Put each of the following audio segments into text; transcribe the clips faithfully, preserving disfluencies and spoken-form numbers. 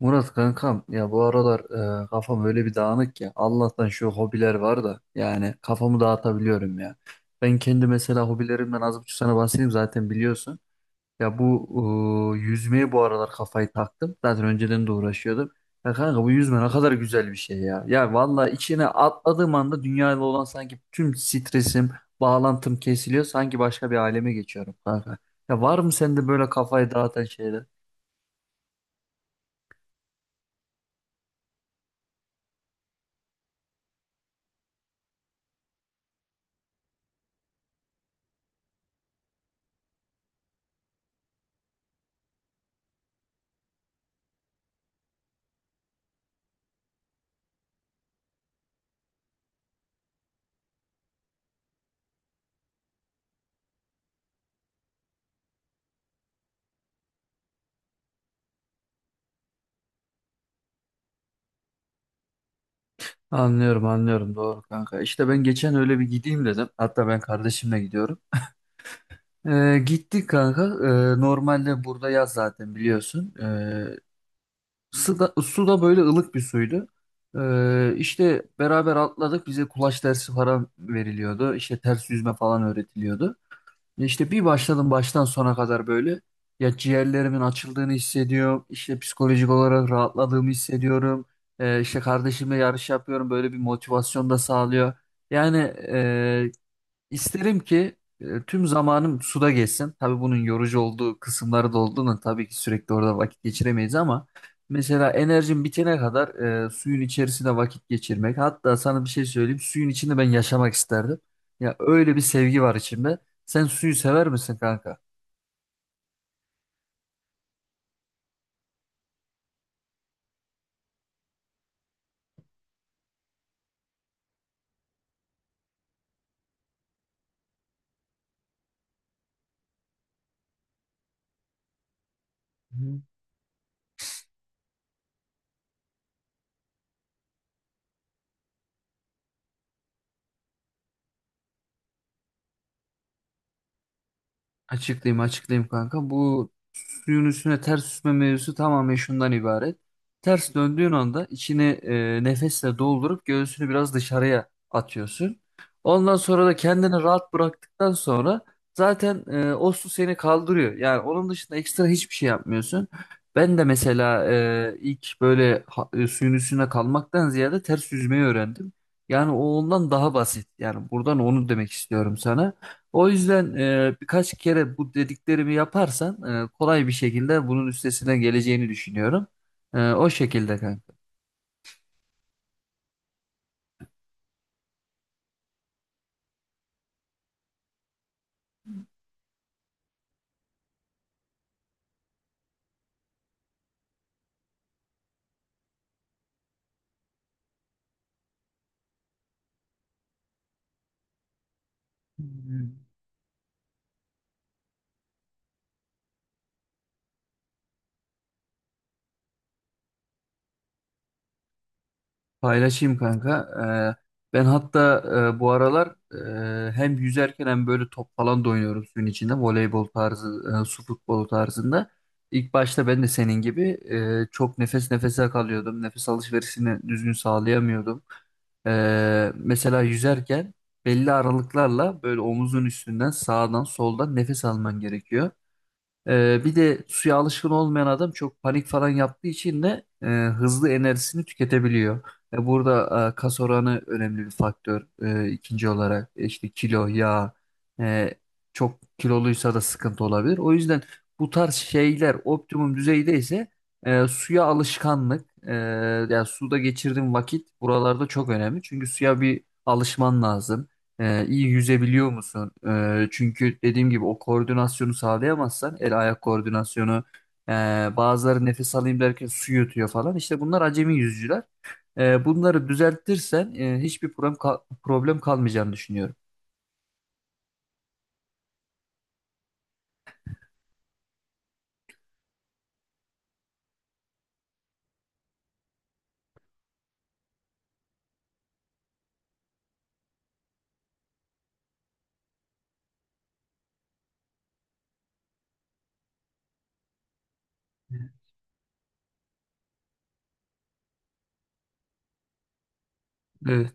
Murat kankam ya bu aralar e, kafam öyle bir dağınık ki Allah'tan şu hobiler var da yani kafamı dağıtabiliyorum ya. Ben kendi mesela hobilerimden az buçuk sana bahsedeyim zaten biliyorsun. Ya bu e, yüzmeye bu aralar kafayı taktım. Zaten önceden de uğraşıyordum. Ya kanka bu yüzme ne kadar güzel bir şey ya. Ya vallahi içine atladığım anda dünyayla olan sanki tüm stresim, bağlantım kesiliyor. Sanki başka bir aleme geçiyorum kanka. Ya var mı sende böyle kafayı dağıtan şeyler? Anlıyorum anlıyorum doğru kanka. İşte ben geçen öyle bir gideyim dedim. Hatta ben kardeşimle gidiyorum. Ee, gittik kanka. Ee, normalde burada yaz zaten biliyorsun. Ee, su da, su da böyle ılık bir suydu. Ee, işte beraber atladık. Bize kulaç dersi falan veriliyordu. İşte ters yüzme falan öğretiliyordu. Ya İşte bir başladım baştan sona kadar böyle. Ya ciğerlerimin açıldığını hissediyorum. İşte psikolojik olarak rahatladığımı hissediyorum. Ee, işte kardeşimle yarış yapıyorum. Böyle bir motivasyon da sağlıyor. Yani İsterim ki e, tüm zamanım suda geçsin. Tabii bunun yorucu olduğu kısımları da olduğunu tabii ki sürekli orada vakit geçiremeyiz ama mesela enerjim bitene kadar e, suyun içerisinde vakit geçirmek. Hatta sana bir şey söyleyeyim. Suyun içinde ben yaşamak isterdim. Ya öyle bir sevgi var içimde. Sen suyu sever misin kanka? Açıklayayım açıklayayım kanka. Bu suyun üstüne ters süzme mevzusu tamamen şundan ibaret. Ters döndüğün anda içini e, nefesle doldurup göğsünü biraz dışarıya atıyorsun. Ondan sonra da kendini rahat bıraktıktan sonra zaten e, o su seni kaldırıyor. Yani onun dışında ekstra hiçbir şey yapmıyorsun. Ben de mesela e, ilk böyle ha- e, suyun üstüne kalmaktan ziyade ters yüzmeyi öğrendim. Yani o ondan daha basit. Yani buradan onu demek istiyorum sana. O yüzden e, birkaç kere bu dediklerimi yaparsan e, kolay bir şekilde bunun üstesinden geleceğini düşünüyorum. E, o şekilde kanka. Paylaşayım kanka. Ee, ben hatta e, bu aralar e, hem yüzerken hem böyle top falan da oynuyorum suyun içinde. Voleybol tarzı, e, su futbolu tarzında. İlk başta ben de senin gibi e, çok nefes nefese kalıyordum. Nefes alışverişini düzgün sağlayamıyordum. Ee, mesela yüzerken belli aralıklarla böyle omuzun üstünden sağdan soldan nefes alman gerekiyor. Ee, bir de suya alışkın olmayan adam çok panik falan yaptığı için de e, hızlı enerjisini tüketebiliyor. E, burada e, kas oranı önemli bir faktör. E, ikinci olarak e, işte kilo, yağ, e, çok kiloluysa da sıkıntı olabilir. O yüzden bu tarz şeyler optimum düzeydeyse e, suya alışkanlık, e, yani suda geçirdiğin vakit buralarda çok önemli. Çünkü suya bir alışman lazım. Ee, iyi yüzebiliyor musun? Ee, çünkü dediğim gibi o koordinasyonu sağlayamazsan el ayak koordinasyonu e, bazıları nefes alayım derken su yutuyor falan. İşte bunlar acemi yüzücüler. Ee, bunları düzeltirsen e, hiçbir problem ka- problem kalmayacağını düşünüyorum. Evet.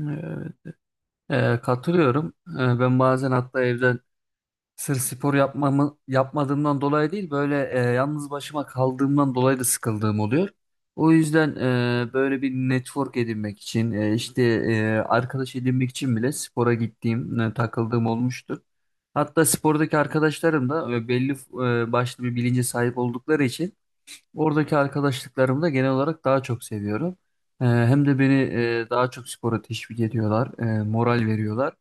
Evet. Ee, e, katılıyorum. Ee, ben bazen hatta evde sırf spor yapmamı, yapmadığımdan dolayı değil böyle e, yalnız başıma kaldığımdan dolayı da sıkıldığım oluyor. O yüzden e, böyle bir network edinmek için e, işte e, arkadaş edinmek için bile spora gittiğim, e, takıldığım olmuştur. Hatta spordaki arkadaşlarım da e, belli e, başlı bir bilince sahip oldukları için oradaki arkadaşlıklarımı da genel olarak daha çok seviyorum. Ee, hem de beni e, daha çok spora teşvik ediyorlar, e, moral veriyorlar.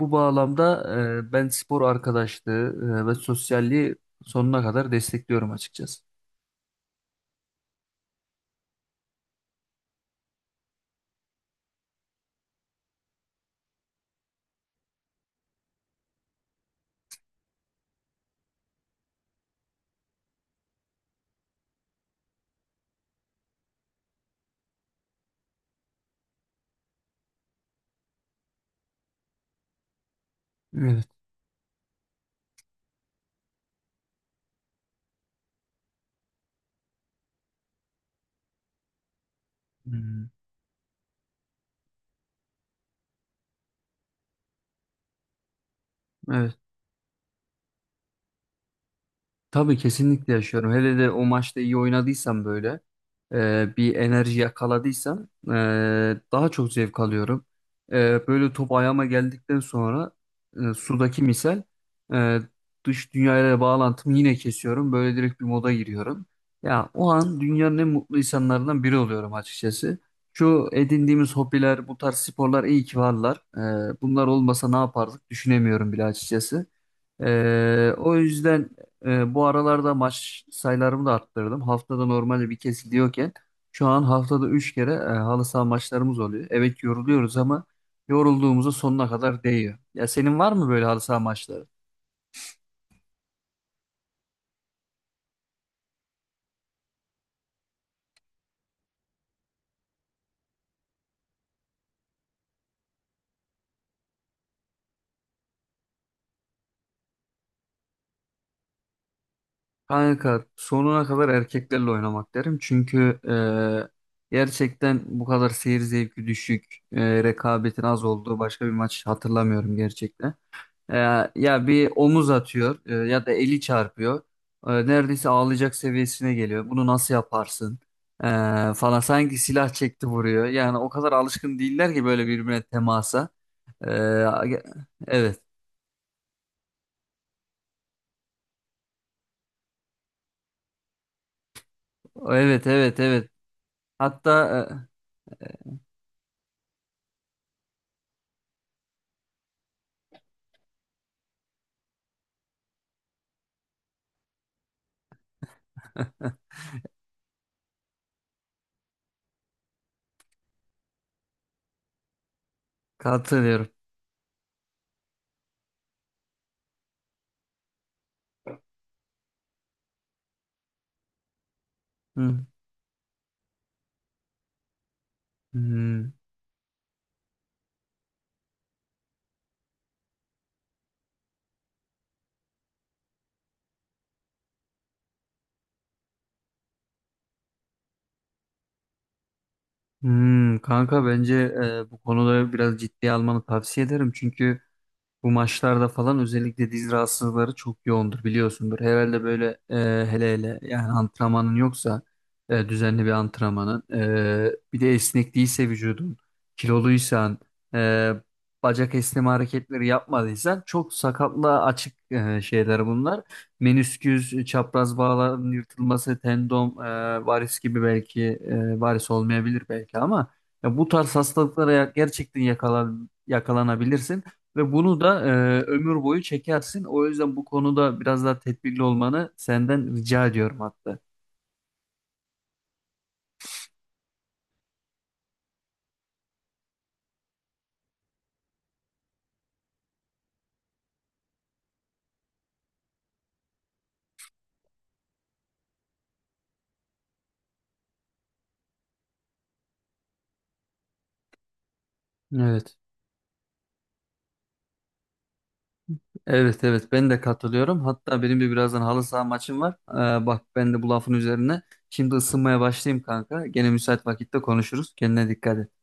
Bu bağlamda e, ben spor arkadaşlığı e, ve sosyalliği sonuna kadar destekliyorum açıkçası. Evet. Hmm. Evet. Tabii kesinlikle yaşıyorum. Hele de o maçta iyi oynadıysam böyle e, bir enerji yakaladıysam e, daha çok zevk alıyorum. E, böyle top ayağıma geldikten sonra e, sudaki misal e, dış dünyayla bağlantımı yine kesiyorum. Böyle direkt bir moda giriyorum. Ya o an dünyanın en mutlu insanlarından biri oluyorum açıkçası. Şu edindiğimiz hobiler, bu tarz sporlar iyi ki varlar. E, bunlar olmasa ne yapardık düşünemiyorum bile açıkçası. Ee, o yüzden ee, bu aralarda maç sayılarımı da arttırdım. Haftada normalde bir kez gidiyorken şu an haftada üç kere e, halı saha maçlarımız oluyor. Evet yoruluyoruz ama yorulduğumuzu sonuna kadar değiyor. Ya senin var mı böyle halı saha maçları? Kanka sonuna kadar erkeklerle oynamak derim. Çünkü e, gerçekten bu kadar seyir zevki düşük, e, rekabetin az olduğu başka bir maç hatırlamıyorum gerçekten. E, Ya bir omuz atıyor e, ya da eli çarpıyor. E, neredeyse ağlayacak seviyesine geliyor. Bunu nasıl yaparsın? E, Falan sanki silah çekti vuruyor. Yani o kadar alışkın değiller ki böyle birbirine temasa. E, evet. Evet evet evet. Hatta e, katılıyorum. Hı. Hmm. Hmm, kanka bence e, bu konuda biraz ciddiye almanı tavsiye ederim. Çünkü bu maçlarda falan özellikle diz rahatsızlıkları çok yoğundur biliyorsundur. Herhalde böyle e, hele hele yani antrenmanın yoksa e, düzenli bir antrenmanın e, bir de esnek değilse vücudun kiloluysan e, bacak esneme hareketleri yapmadıysan çok sakatlığa açık e, şeyler bunlar. Menisküs, çapraz bağların yırtılması, tendon, e, varis gibi belki e, varis olmayabilir belki ama ya bu tarz hastalıklara ya- gerçekten yakalan, yakalanabilirsin. Ve bunu da e, ömür boyu çekersin. O yüzden bu konuda biraz daha tedbirli olmanı senden rica ediyorum hatta. Evet. Evet evet ben de katılıyorum. Hatta benim de birazdan halı saha maçım var. Ee, bak ben de bu lafın üzerine. Şimdi ısınmaya başlayayım kanka. Gene müsait vakitte konuşuruz. Kendine dikkat et.